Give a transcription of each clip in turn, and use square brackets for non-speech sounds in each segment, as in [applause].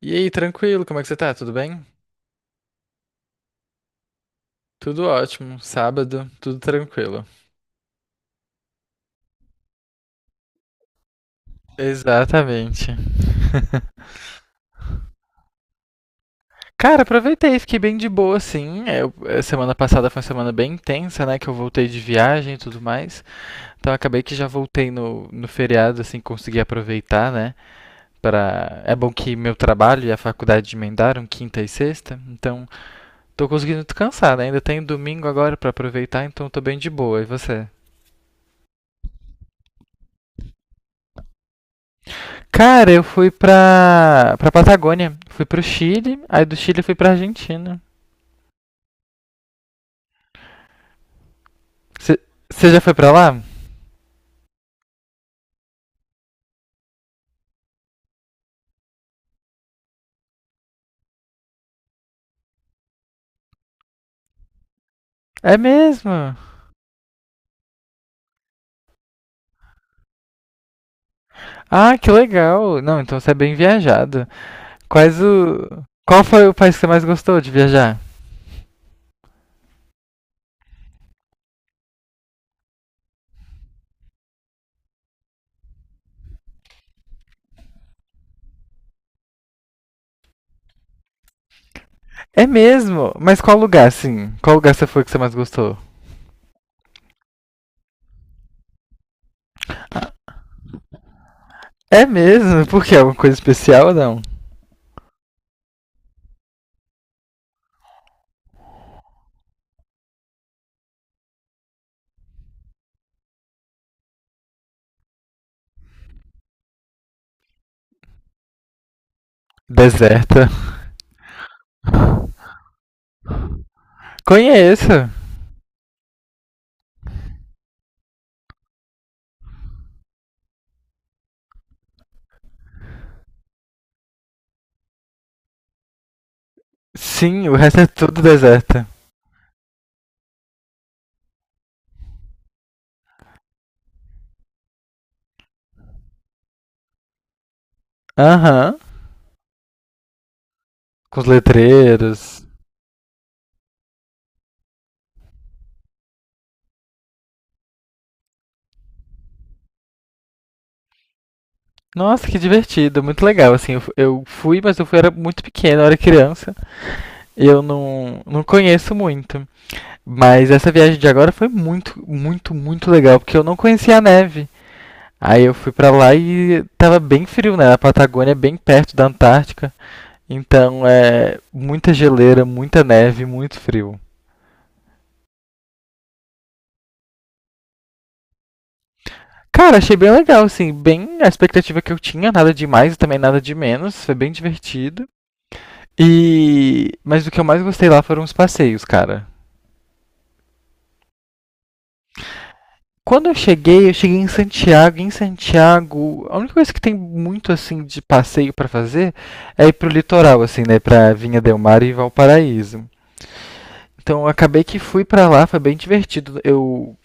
E aí, tranquilo, como é que você tá? Tudo bem? Tudo ótimo, sábado, tudo tranquilo. Exatamente. Cara, aproveitei, fiquei bem de boa, sim. Semana passada foi uma semana bem intensa, né? Que eu voltei de viagem e tudo mais. Então acabei que já voltei no feriado, assim, consegui aproveitar, né? Pra... É bom que meu trabalho e a faculdade emendaram quinta e sexta, então tô conseguindo descansar, né? Ainda tenho domingo agora pra aproveitar, então tô bem de boa. E você? Cara, eu fui pra Patagônia. Fui pro Chile, aí do Chile eu fui pra Argentina. Você já foi pra lá? É mesmo? Ah, que legal. Não, então você é bem viajado. Quais o. Qual foi o país que você mais gostou de viajar? É mesmo? Mas qual lugar, assim? Qual lugar você foi que você mais gostou? É mesmo? Por quê? Alguma coisa especial ou não? Deserta. Conheço. Sim, o resto é tudo deserta. Aham. Com os letreiros. Nossa, que divertido, muito legal. Assim, eu fui, mas eu fui, era muito pequeno, eu era criança. Eu não conheço muito. Mas essa viagem de agora foi muito, muito, muito legal, porque eu não conhecia a neve. Aí eu fui pra lá e tava bem frio, né? A Patagônia é bem perto da Antártica. Então é muita geleira, muita neve, muito frio. Cara, achei bem legal, assim, bem a expectativa que eu tinha, nada de mais e também nada de menos. Foi bem divertido. Mas o que eu mais gostei lá foram os passeios, cara. Quando eu cheguei, em Santiago. Em Santiago, a única coisa que tem muito assim de passeio para fazer é ir pro litoral, assim, né, para Vinha del Mar e Valparaíso. Então, eu acabei que fui para lá, foi bem divertido. Eu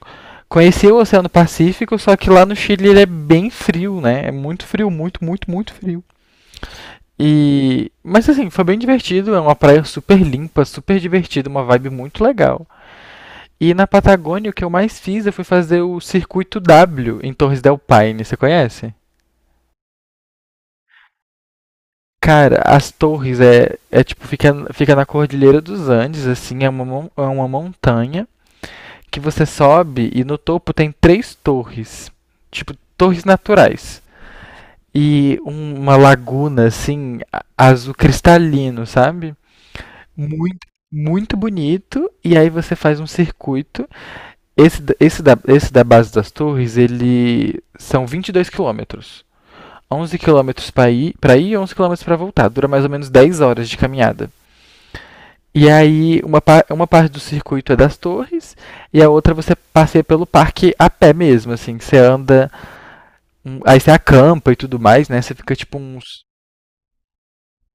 conheci o Oceano Pacífico, só que lá no Chile ele é bem frio, né? É muito frio, muito, muito, muito frio. E, mas assim, foi bem divertido, é uma praia super limpa, super divertida, uma vibe muito legal. E na Patagônia, o que eu mais fiz eu fui fazer o circuito W em Torres del Paine, você conhece? Cara, as torres é tipo, fica na Cordilheira dos Andes, assim, é uma montanha que você sobe e no topo tem três torres, tipo, torres naturais. E uma laguna, assim, azul cristalino, sabe? Muito, muito bonito. E aí você faz um circuito. Esse da base das torres, ele são 22 quilômetros. 11 quilômetros para ir, e 11 quilômetros para voltar. Dura mais ou menos 10 horas de caminhada. E aí, uma parte do circuito é das torres e a outra você passeia pelo parque a pé mesmo, assim. Você anda, aí você acampa e tudo mais, né? Você fica tipo uns...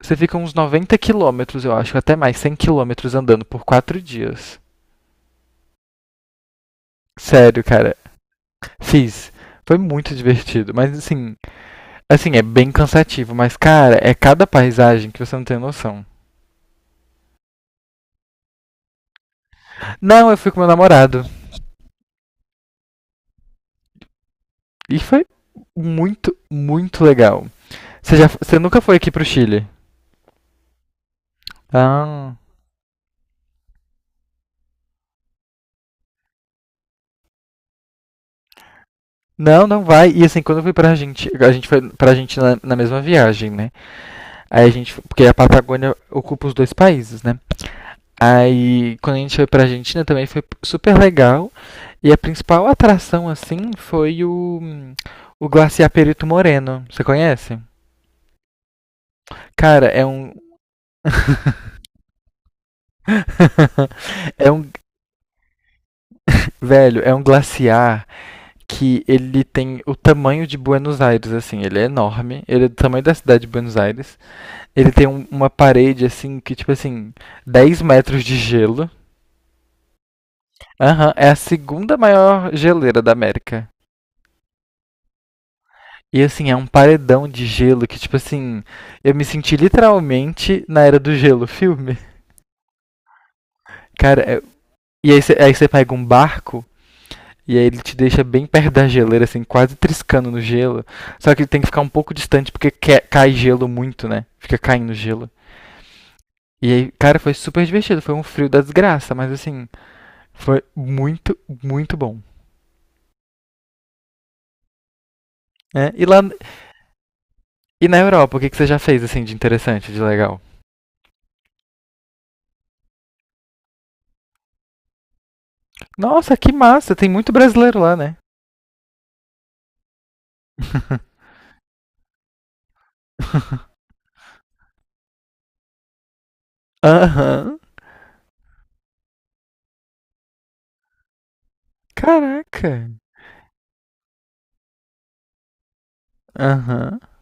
Você fica uns 90 quilômetros, eu acho, até mais, 100 quilômetros andando por 4 dias. Sério, cara. Fiz. Foi muito divertido, mas assim... Assim, é bem cansativo, mas cara, é cada paisagem que você não tem noção. Não, eu fui com meu namorado. E foi muito, muito legal. Você nunca foi aqui pro Chile? Ah. Não, não vai. E assim, quando eu fui pra Argentina, a gente foi pra Argentina na mesma viagem, né? Aí a gente, porque a Patagônia ocupa os dois países, né? Aí, quando a gente foi pra Argentina também foi super legal. E a principal atração, assim, foi o Glaciar Perito Moreno. Você conhece? Cara, [laughs] É um, velho, é um glaciar que ele tem o tamanho de Buenos Aires, assim, ele é enorme, ele é do tamanho da cidade de Buenos Aires. Ele tem uma parede, assim, que, tipo assim, 10 metros de gelo. Aham, é a segunda maior geleira da América. E, assim, é um paredão de gelo que, tipo assim, eu me senti literalmente na Era do Gelo, filme. Cara, e aí você pega um barco. E aí ele te deixa bem perto da geleira, assim, quase triscando no gelo. Só que ele tem que ficar um pouco distante porque cai gelo muito, né? Fica caindo gelo. E aí, cara, foi super divertido. Foi um frio da desgraça, mas assim, foi muito, muito bom. Né? E na Europa, o que, que você já fez, assim, de interessante, de legal? Nossa, que massa! Tem muito brasileiro lá, né? Aham. [laughs] Uhum. Caraca. Aham. Uhum.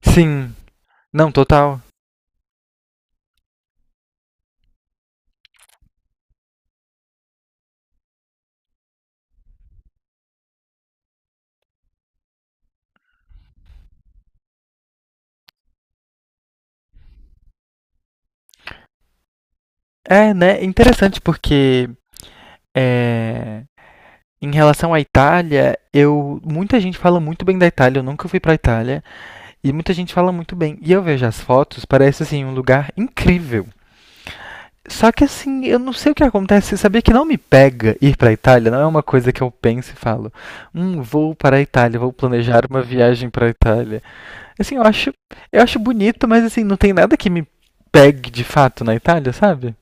Sim. Não, total. É, né? Interessante porque. É. Em relação à Itália, eu muita gente fala muito bem da Itália, eu nunca fui pra Itália, e muita gente fala muito bem. E eu vejo as fotos, parece assim um lugar incrível. Só que assim, eu não sei o que acontece, sabia que não me pega ir pra Itália, não é uma coisa que eu penso e falo, vou para a Itália, vou planejar uma viagem pra Itália. Assim, eu acho bonito, mas assim, não tem nada que me pegue de fato na Itália, sabe?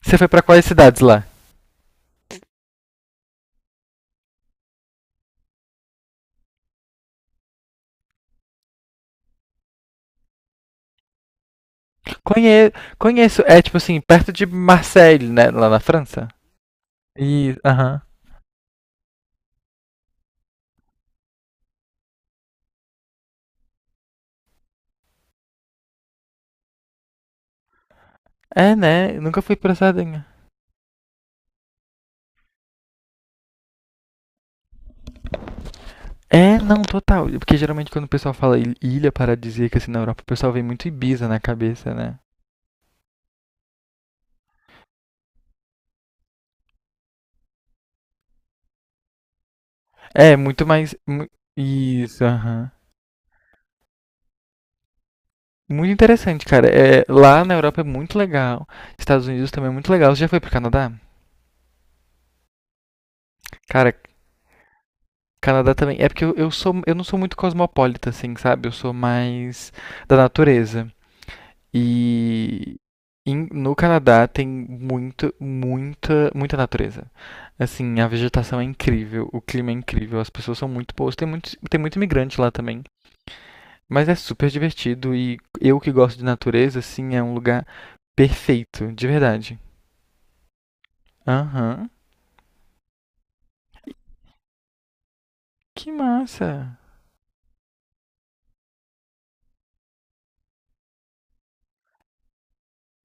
Você foi pra quais cidades lá? Conhe- conheço, é tipo assim, perto de Marseille, né, lá na França? E, aham. É, né? Eu nunca fui pra Sardenha. É, não, total. Porque geralmente quando o pessoal fala ilha paradisíaca assim na Europa, o pessoal vem muito Ibiza na cabeça, né? É, muito mais. Isso, aham. Muito interessante, cara. É, lá na Europa é muito legal. Estados Unidos também é muito legal. Você já foi pro Canadá? Cara, Canadá também. É porque eu não sou muito cosmopolita, assim, sabe? Eu sou mais da natureza. E no Canadá tem muito, muita natureza. Assim, a vegetação é incrível, o clima é incrível, as pessoas são muito boas. Tem muito imigrante lá também. Mas é super divertido e eu que gosto de natureza, assim, é um lugar perfeito, de verdade. Aham. Que massa!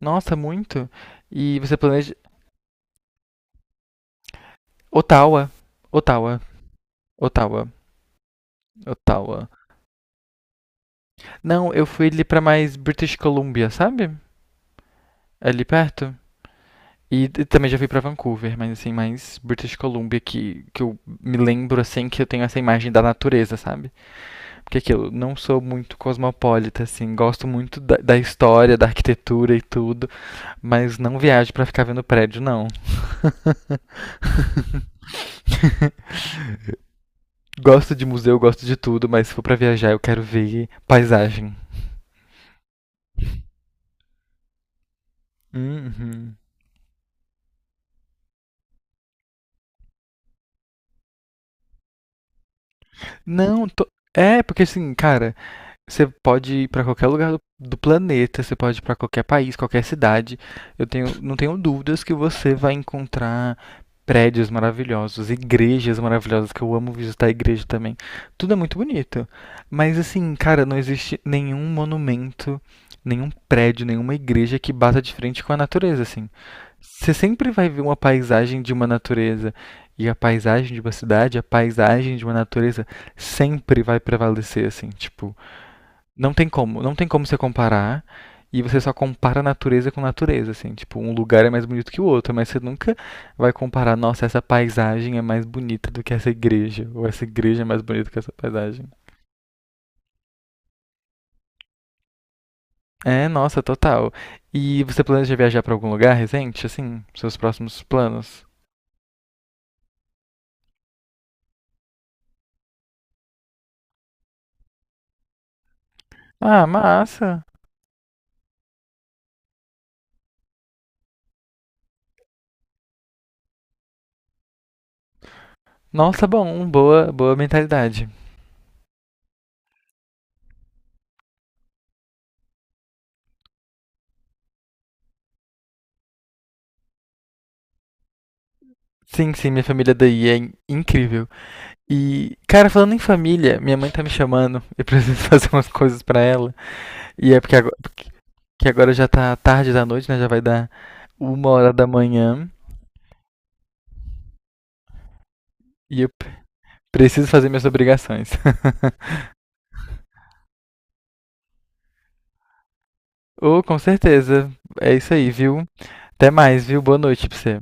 Nossa, muito! E você planeja. Ottawa. Ottawa. Ottawa. Ottawa. Não, eu fui ali pra mais British Columbia, sabe? Ali perto. E também já fui pra Vancouver, mas assim, mais British Columbia que eu me lembro assim que eu tenho essa imagem da natureza, sabe? Porque aquilo, não sou muito cosmopolita, assim, gosto muito da história, da arquitetura e tudo, mas não viajo pra ficar vendo prédio, não. [laughs] Gosto de museu, gosto de tudo, mas se for pra viajar eu quero ver paisagem. Uhum. Não, tô... é, porque assim, cara, você pode ir para qualquer lugar do planeta, você pode ir para qualquer país, qualquer cidade. Não tenho dúvidas que você vai encontrar prédios maravilhosos, igrejas maravilhosas, que eu amo visitar a igreja também. Tudo é muito bonito. Mas assim, cara, não existe nenhum monumento, nenhum prédio, nenhuma igreja que bata de frente com a natureza, assim. Você sempre vai ver uma paisagem de uma natureza e a paisagem de uma cidade, a paisagem de uma natureza sempre vai prevalecer, assim, tipo, não tem como você comparar. E você só compara natureza com natureza, assim, tipo, um lugar é mais bonito que o outro, mas você nunca vai comparar, nossa, essa paisagem é mais bonita do que essa igreja, ou essa igreja é mais bonita que essa paisagem. É, nossa, total. E você planeja viajar pra algum lugar recente, assim, seus próximos planos? Ah, massa. Nossa, bom, boa, boa mentalidade. Sim, sim, minha família daí é incrível. E, cara, falando em família, minha mãe tá me chamando, eu preciso [laughs] fazer umas coisas pra ela. E é porque agora já tá tarde da noite, né? Já vai dar 1 hora da manhã e eu preciso fazer minhas obrigações. [laughs] Oh, com certeza. É isso aí, viu? Até mais, viu? Boa noite pra você.